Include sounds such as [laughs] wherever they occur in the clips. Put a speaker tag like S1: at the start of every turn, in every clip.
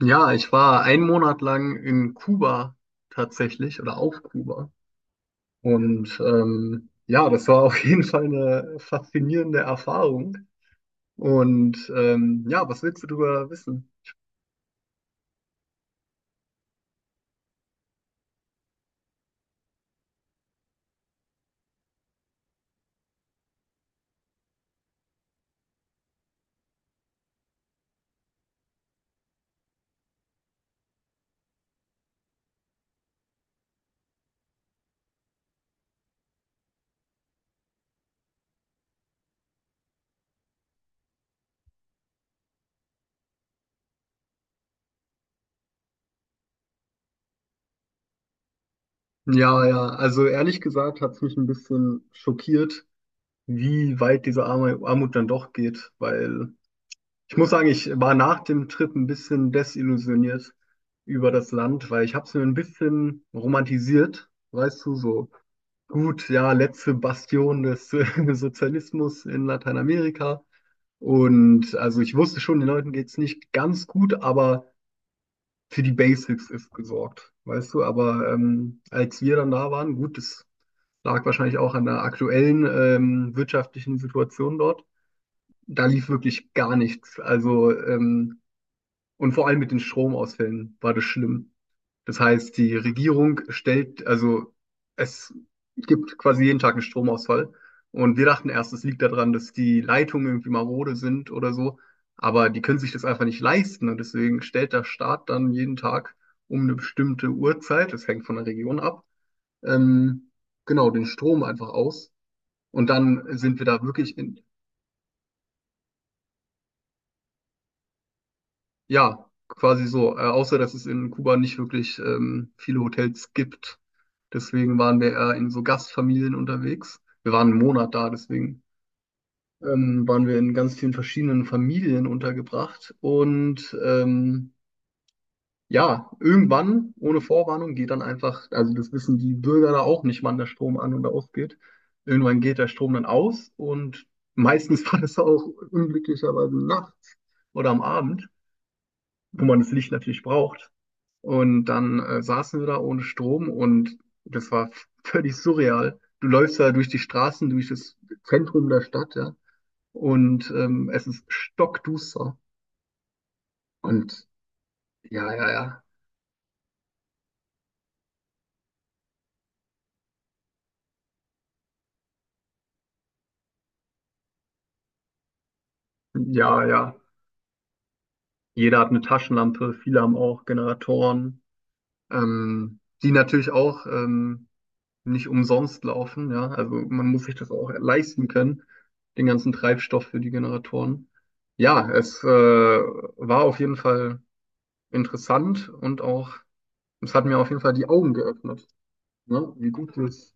S1: Ja, ich war einen Monat lang in Kuba tatsächlich oder auf Kuba. Ja, das war auf jeden Fall eine faszinierende Erfahrung. Ja, was willst du darüber wissen? Ja, ja, also ehrlich gesagt hat es mich ein bisschen schockiert, wie weit Armut dann doch geht, weil ich muss sagen, ich war nach dem Trip ein bisschen desillusioniert über das Land, weil ich habe es mir ein bisschen romantisiert, weißt du, so. Gut, ja, letzte Bastion des [laughs] Sozialismus in Lateinamerika. Und also ich wusste schon, den Leuten geht's nicht ganz gut, aber für die Basics ist gesorgt, weißt du. Aber als wir dann da waren, gut, das lag wahrscheinlich auch an der aktuellen wirtschaftlichen Situation dort. Da lief wirklich gar nichts. Und vor allem mit den Stromausfällen war das schlimm. Das heißt, die Regierung stellt, also es gibt quasi jeden Tag einen Stromausfall. Und wir dachten erst, es liegt daran, dass die Leitungen irgendwie marode sind oder so. Aber die können sich das einfach nicht leisten. Und deswegen stellt der Staat dann jeden Tag um eine bestimmte Uhrzeit, das hängt von der Region ab, ähm, genau, den Strom einfach aus. Und dann sind wir da wirklich in, Ja, quasi so. Außer, dass es in Kuba nicht wirklich viele Hotels gibt. Deswegen waren wir eher in so Gastfamilien unterwegs. Wir waren einen Monat da, deswegen waren wir in ganz vielen verschiedenen Familien untergebracht. Ja, irgendwann, ohne Vorwarnung, geht dann einfach, also das wissen die Bürger da auch nicht, wann der Strom an und ausgeht. Irgendwann geht der Strom dann aus und meistens [laughs] war das auch unglücklicherweise nachts oder am Abend, wo man das Licht natürlich braucht. Und dann saßen wir da ohne Strom, und das war völlig surreal. Du läufst da durch die Straßen, durch das Zentrum der Stadt, ja. Es ist stockduster. Und ja, ja, ja. Ja, ja. Jeder hat eine Taschenlampe, viele haben auch Generatoren, die natürlich auch nicht umsonst laufen, ja. Also man muss sich das auch leisten können, den ganzen Treibstoff für die Generatoren. Ja, es war auf jeden Fall interessant, und auch, es hat mir auf jeden Fall die Augen geöffnet, ne? Wie gut das.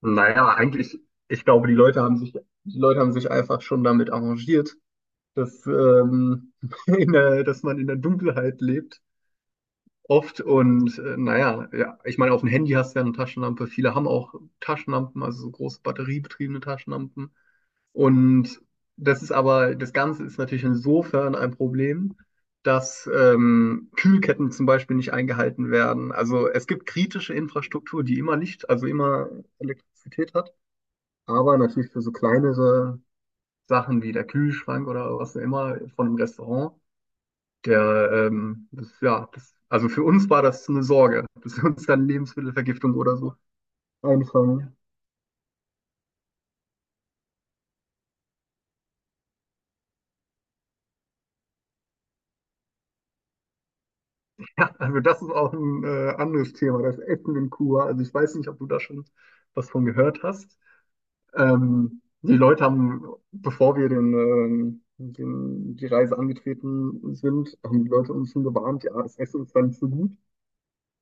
S1: Naja, eigentlich, ich glaube, die Leute haben sich, die Leute haben sich einfach schon damit arrangiert, dass, ähm, [laughs] dass man in der Dunkelheit lebt. Oft. Und naja, ja, ich meine, auf dem Handy hast du ja eine Taschenlampe. Viele haben auch Taschenlampen, also so große batteriebetriebene Taschenlampen. Und das Ganze ist natürlich insofern ein Problem, dass Kühlketten zum Beispiel nicht eingehalten werden. Also es gibt kritische Infrastruktur, die immer Licht, also immer Elektrizität hat, aber natürlich für so kleinere Sachen wie der Kühlschrank oder was auch immer von einem Restaurant, der, das, ja, das, also für uns war das eine Sorge, dass wir uns dann Lebensmittelvergiftung oder so einfangen. Ja, also das ist auch ein anderes Thema, das Essen in Kuba. Also ich weiß nicht, ob du da schon was von gehört hast. Ähm, die Leute haben, bevor wir die Reise angetreten sind, haben die Leute uns schon gewarnt, ja, das Essen ist dann nicht so gut.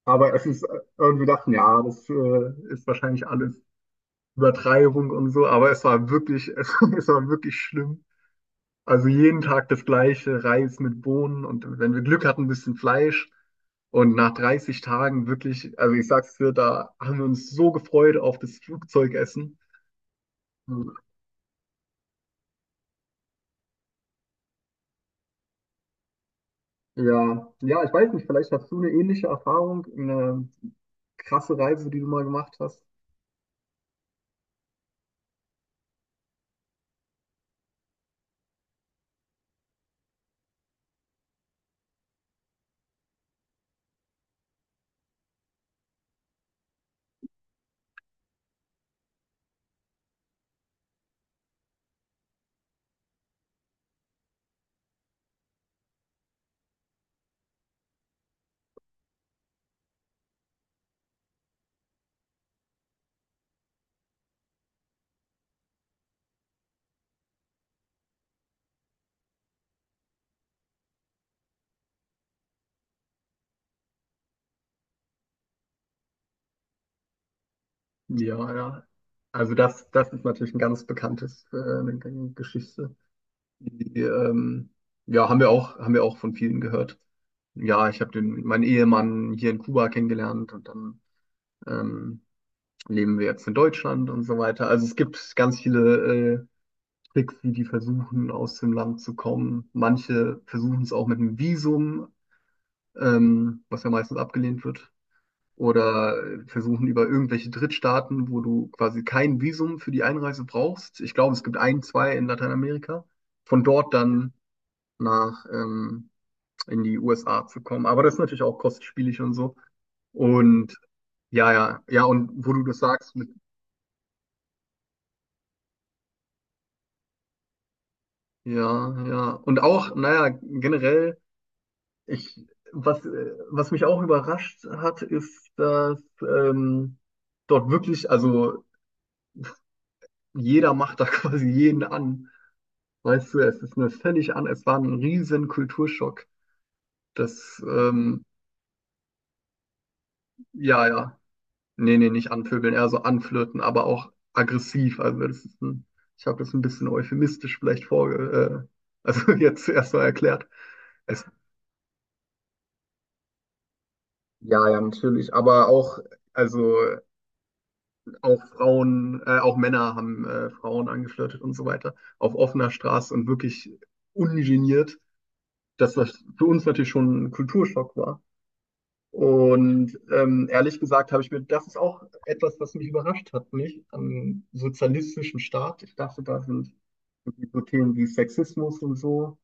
S1: Aber es ist, äh, und wir dachten, ja, das ist wahrscheinlich alles Übertreibung und so, aber es war wirklich, [laughs] es war wirklich schlimm. Also jeden Tag das gleiche, Reis mit Bohnen, und wenn wir Glück hatten, ein bisschen Fleisch. Und nach 30 Tagen wirklich, also ich sag's dir, da haben wir uns so gefreut auf das Flugzeugessen. Ja, ja, ich weiß nicht, vielleicht hast du eine ähnliche Erfahrung, eine krasse Reise, die du mal gemacht hast. Ja, ja. Also das ist natürlich ein ganz bekanntes, eine Geschichte. Die, ähm, ja, haben wir auch von vielen gehört. Ja, meinen Ehemann hier in Kuba kennengelernt, und dann ähm, leben wir jetzt in Deutschland und so weiter. Also es gibt ganz viele Tricks, wie die versuchen, aus dem Land zu kommen. Manche versuchen es auch mit einem Visum, was ja meistens abgelehnt wird. Oder versuchen über irgendwelche Drittstaaten, wo du quasi kein Visum für die Einreise brauchst. Ich glaube, es gibt ein, zwei in Lateinamerika. Von dort dann nach in die USA zu kommen. Aber das ist natürlich auch kostspielig und so. Und ja, ja, ja, und wo du das sagst mit, ja, ja. Und auch, naja, generell, ich, was mich auch überrascht hat, ist, dass dort wirklich, also jeder macht da [laughs] quasi jeden an. Weißt du, es ist mir völlig an, es war ein riesen Kulturschock. Das, ähm, ja, ja. Nee, nee, nicht anpöbeln, eher so anflirten, aber auch aggressiv. Also das ist ein, ich habe das ein bisschen euphemistisch vielleicht vorge, also [laughs] jetzt erstmal erklärt. Es, ja, ja, natürlich. Aber auch, also auch Frauen, auch Männer haben Frauen angeflirtet und so weiter. Auf offener Straße und wirklich ungeniert, dass das für uns natürlich schon ein Kulturschock war. Und ehrlich gesagt habe ich mir, das ist auch etwas, was mich überrascht hat, nicht? Am sozialistischen Staat. Ich dachte, da sind so Themen wie Sexismus und so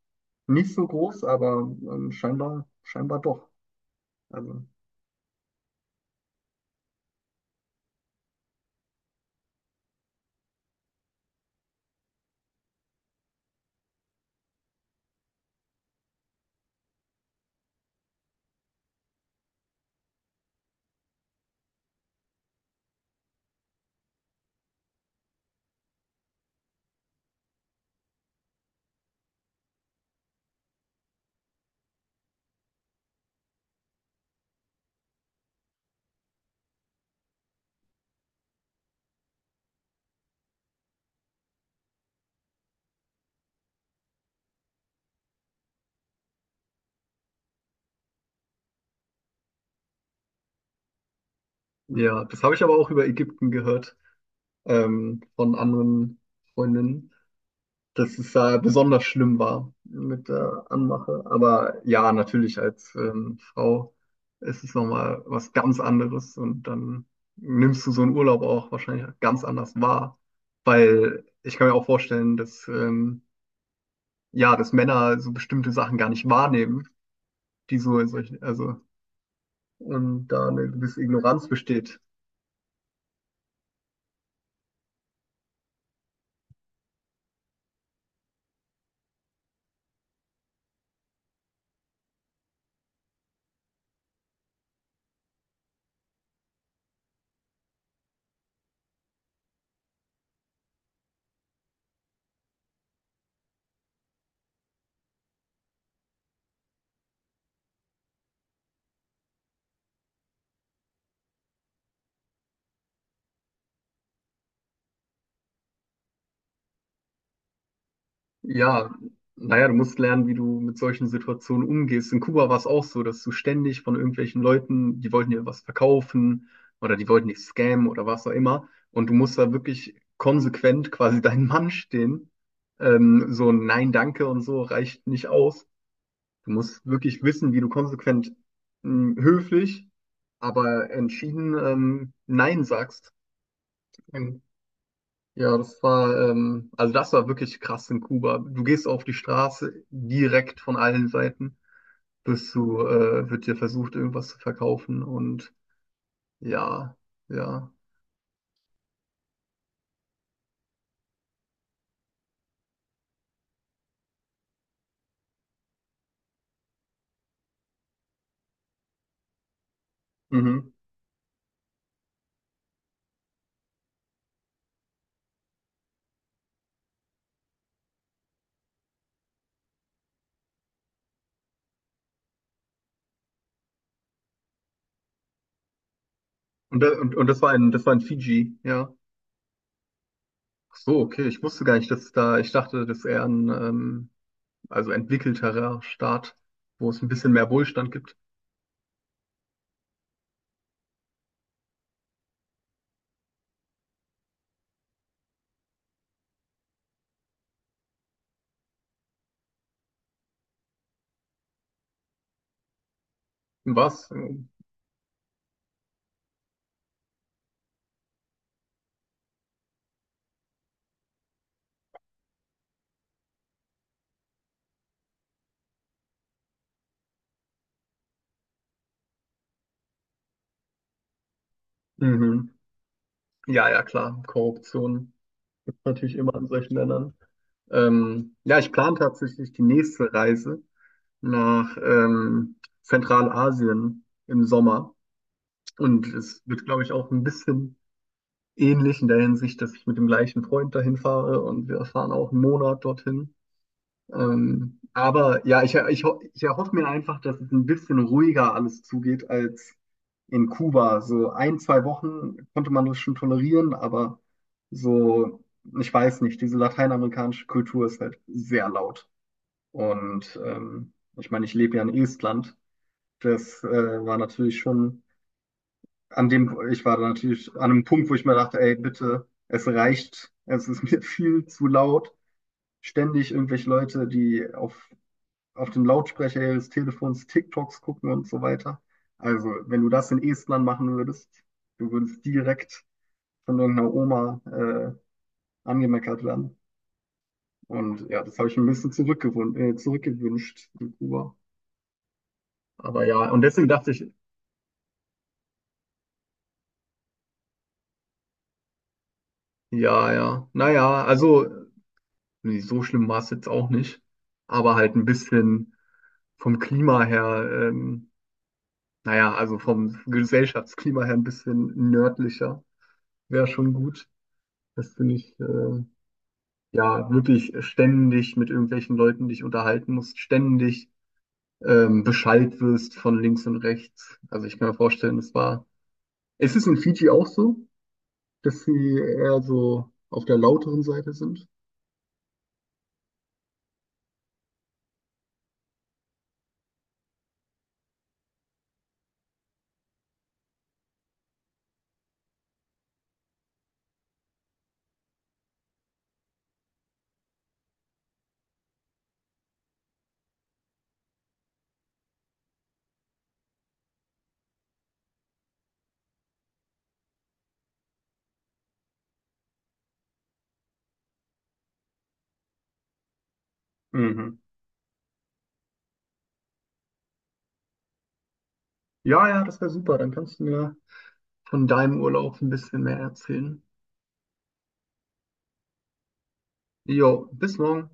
S1: nicht so groß, aber scheinbar doch. Also, ja, das habe ich aber auch über Ägypten gehört, von anderen Freundinnen, dass es da besonders schlimm war mit der Anmache. Aber ja, natürlich als Frau ist es nochmal was ganz anderes, und dann nimmst du so einen Urlaub auch wahrscheinlich ganz anders wahr, weil ich kann mir auch vorstellen, dass ja, dass Männer so bestimmte Sachen gar nicht wahrnehmen, die so in solchen, also und da eine gewisse Ignoranz besteht. Ja, naja, du musst lernen, wie du mit solchen Situationen umgehst. In Kuba war es auch so, dass du ständig von irgendwelchen Leuten, die wollten dir was verkaufen oder die wollten dich scammen oder was auch immer. Und du musst da wirklich konsequent quasi [laughs] deinen Mann stehen. So ein Nein, danke und so reicht nicht aus. Du musst wirklich wissen, wie du konsequent, höflich, aber entschieden, Nein sagst. Ja, das war wirklich krass in Kuba. Du gehst auf die Straße, direkt von allen Seiten, wird dir versucht, irgendwas zu verkaufen, und ja, ja. Mhm. Und, und das war in Fiji, ja. Ach so, okay, ich wusste gar nicht, dass da, ich dachte, das ist eher ein, also entwickelterer Staat, wo es ein bisschen mehr Wohlstand gibt. Was? Mhm. Ja, ja, klar, Korruption gibt's natürlich immer in solchen Ländern. Ja, ich plane tatsächlich die nächste Reise nach Zentralasien im Sommer. Und es wird, glaube ich, auch ein bisschen ähnlich in der Hinsicht, dass ich mit dem gleichen Freund dahin fahre, und wir fahren auch einen Monat dorthin. Aber ja, ich erhoffe mir einfach, dass es ein bisschen ruhiger alles zugeht als in Kuba. So ein, zwei Wochen konnte man das schon tolerieren, aber so, ich weiß nicht, diese lateinamerikanische Kultur ist halt sehr laut. Und ich meine, ich lebe ja in Estland. Das war natürlich schon ich war da natürlich an einem Punkt, wo ich mir dachte, ey, bitte, es reicht, es ist mir [laughs] viel zu laut. Ständig irgendwelche Leute, auf dem Lautsprecher ihres Telefons TikToks gucken und so weiter. Also, wenn du das in Estland machen würdest, du würdest direkt von irgendeiner Oma angemeckert werden. Und ja, das habe ich ein bisschen zurückgewünscht in Kuba. Aber ja, und deswegen dachte ich. Ja, ja. Naja, also nee, so schlimm war es jetzt auch nicht. Aber halt ein bisschen vom Klima her, naja, also vom Gesellschaftsklima her ein bisschen nördlicher wäre schon gut, dass du nicht ja wirklich ständig mit irgendwelchen Leuten dich unterhalten musst, ständig beschallt wirst von links und rechts. Also ich kann mir vorstellen, es war. Ist es in Fiji auch so, dass sie eher so auf der lauteren Seite sind? Mhm. Ja, ja, das wäre super. Dann kannst du mir von deinem Urlaub ein bisschen mehr erzählen. Jo, bis morgen.